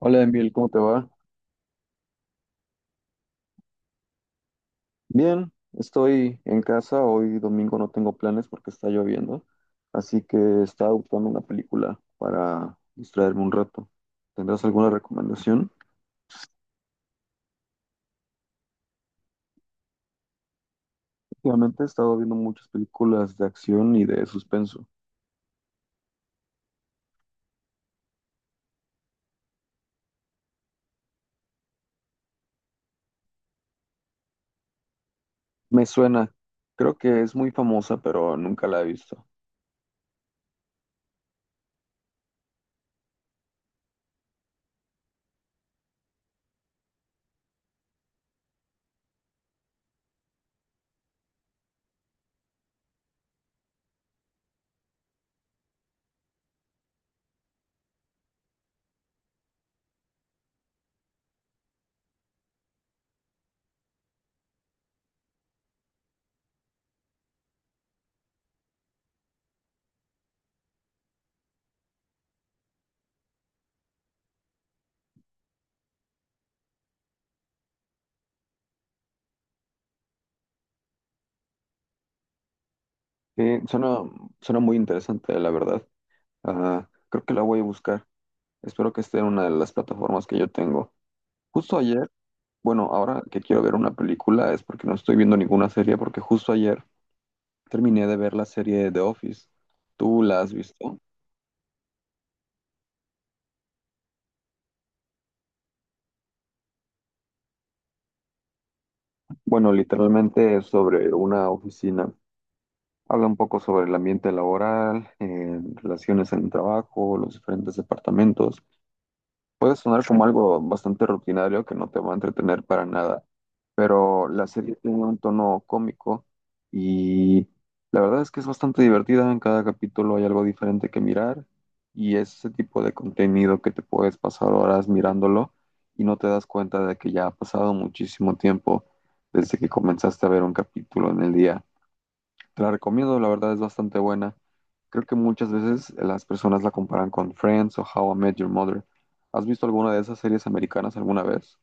Hola Emil, ¿cómo te va? Bien, estoy en casa, hoy domingo no tengo planes porque está lloviendo, así que estaba buscando una película para distraerme un rato. ¿Tendrás alguna recomendación? Últimamente he estado viendo muchas películas de acción y de suspenso. Me suena, creo que es muy famosa, pero nunca la he visto. Sí, suena, suena muy interesante, la verdad. Ah, creo que la voy a buscar. Espero que esté en una de las plataformas que yo tengo. Justo ayer. Bueno, ahora que quiero ver una película es porque no estoy viendo ninguna serie, porque justo ayer terminé de ver la serie The Office. ¿Tú la has visto? Bueno, literalmente es sobre una oficina. Habla un poco sobre el ambiente laboral, relaciones en el trabajo, los diferentes departamentos. Puede sonar como algo bastante rutinario que no te va a entretener para nada, pero la serie tiene un tono cómico y la verdad es que es bastante divertida. En cada capítulo hay algo diferente que mirar y es ese tipo de contenido que te puedes pasar horas mirándolo y no te das cuenta de que ya ha pasado muchísimo tiempo desde que comenzaste a ver un capítulo en el día. Te la recomiendo, la verdad es bastante buena. Creo que muchas veces las personas la comparan con Friends o How I Met Your Mother. ¿Has visto alguna de esas series americanas alguna vez?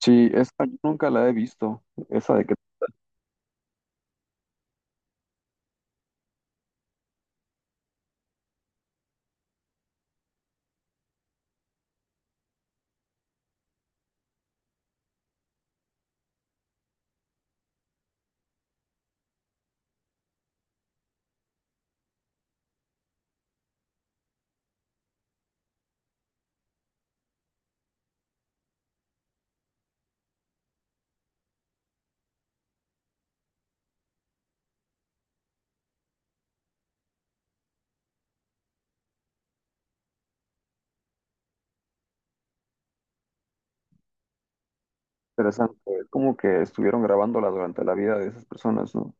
Sí, esa yo nunca la he visto. Esa de que interesante. Es como que estuvieron grabándola durante la vida de esas personas, ¿no?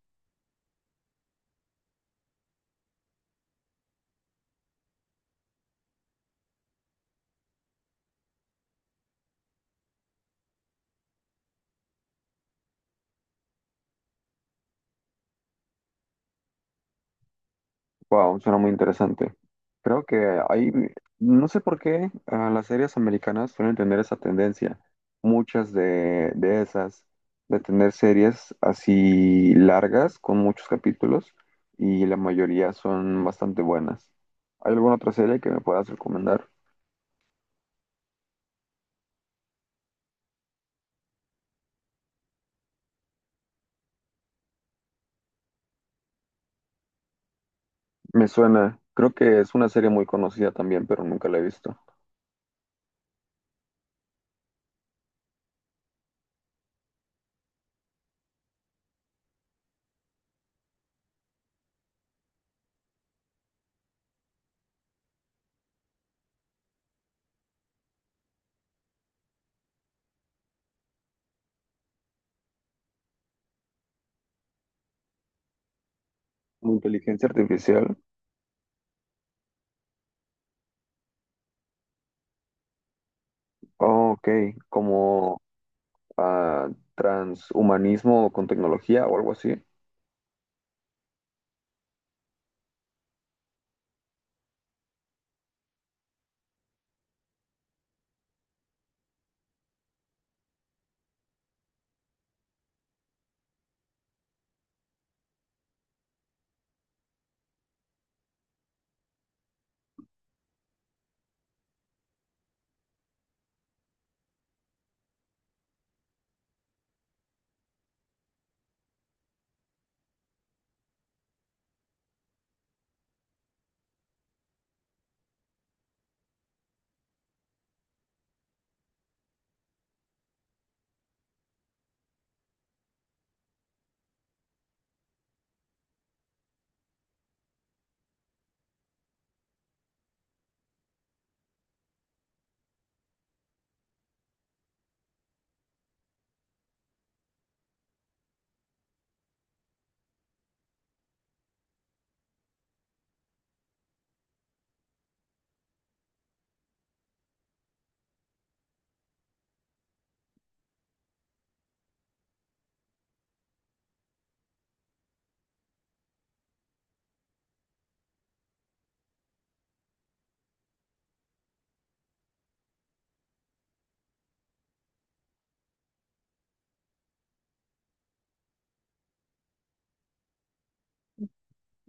Wow, suena muy interesante. Creo que hay, no sé por qué, ah, las series americanas suelen tener esa tendencia. Muchas de esas, de tener series así largas, con muchos capítulos, y la mayoría son bastante buenas. ¿Hay alguna otra serie que me puedas recomendar? Me suena, creo que es una serie muy conocida también, pero nunca la he visto. Como inteligencia artificial. Oh, ok, como ah, transhumanismo con tecnología o algo así.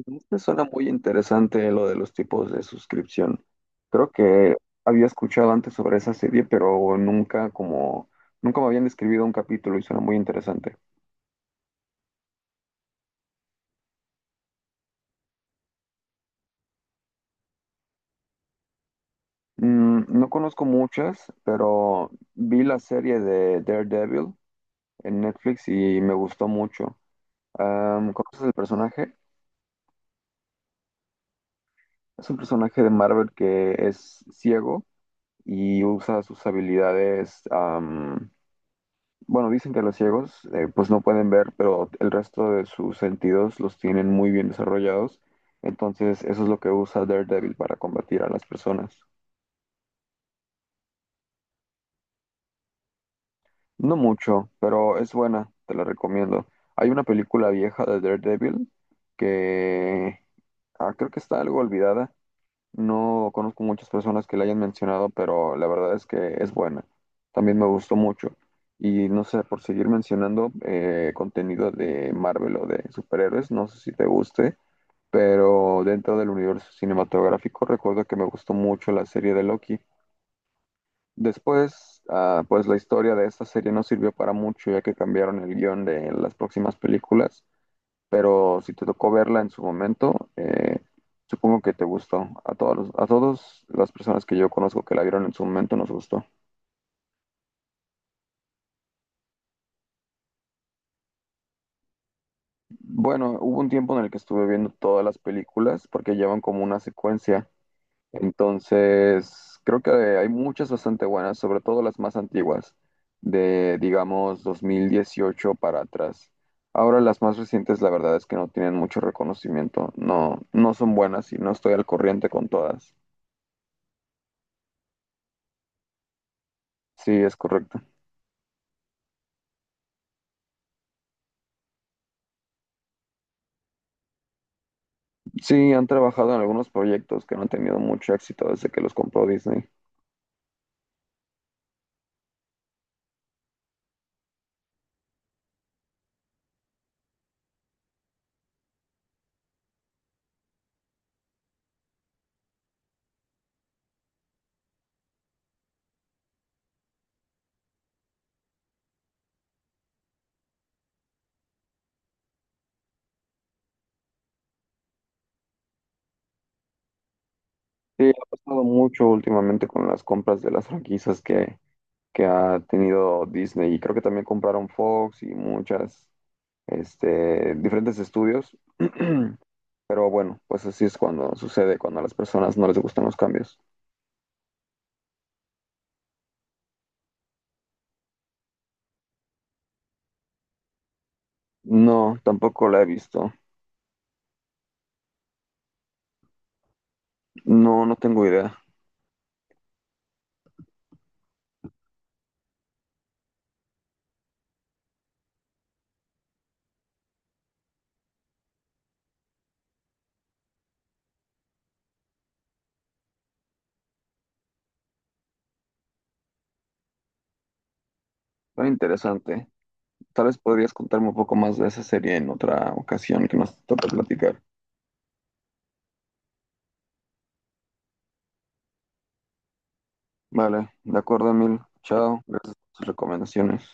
Esto suena muy interesante lo de los tipos de suscripción. Creo que había escuchado antes sobre esa serie, pero nunca como nunca me habían describido un capítulo y suena muy interesante. Mm, no conozco muchas, pero vi la serie de Daredevil en Netflix y me gustó mucho. Am, ¿conoces el personaje? Es un personaje de Marvel que es ciego y usa sus habilidades. Bueno, dicen que los ciegos pues no pueden ver, pero el resto de sus sentidos los tienen muy bien desarrollados. Entonces, eso es lo que usa Daredevil para combatir a las personas. No mucho, pero es buena, te la recomiendo. Hay una película vieja de Daredevil que ah, creo que está algo olvidada. No conozco muchas personas que la hayan mencionado, pero la verdad es que es buena. También me gustó mucho. Y no sé, por seguir mencionando contenido de Marvel o de superhéroes, no sé si te guste, pero dentro del universo cinematográfico recuerdo que me gustó mucho la serie de Loki. Después, ah, pues la historia de esta serie no sirvió para mucho ya que cambiaron el guión de las próximas películas, pero si te tocó verla en su momento, supongo que te gustó. A a todas las personas que yo conozco que la vieron en su momento nos gustó. Bueno, hubo un tiempo en el que estuve viendo todas las películas porque llevan como una secuencia. Entonces, creo que hay muchas bastante buenas, sobre todo las más antiguas, de digamos 2018 para atrás. Ahora las más recientes, la verdad es que no tienen mucho reconocimiento. No, no son buenas y no estoy al corriente con todas. Sí, es correcto. Sí, han trabajado en algunos proyectos que no han tenido mucho éxito desde que los compró Disney. Sí, ha pasado mucho últimamente con las compras de las franquicias que ha tenido Disney. Y creo que también compraron Fox y muchas, este, diferentes estudios. Pero bueno, pues así es cuando sucede, cuando a las personas no les gustan los cambios. No, tampoco la he visto. No, no tengo idea. Está interesante. Tal vez podrías contarme un poco más de esa serie en otra ocasión que nos toque platicar. Vale, de acuerdo, Emil. Chao, gracias por tus recomendaciones.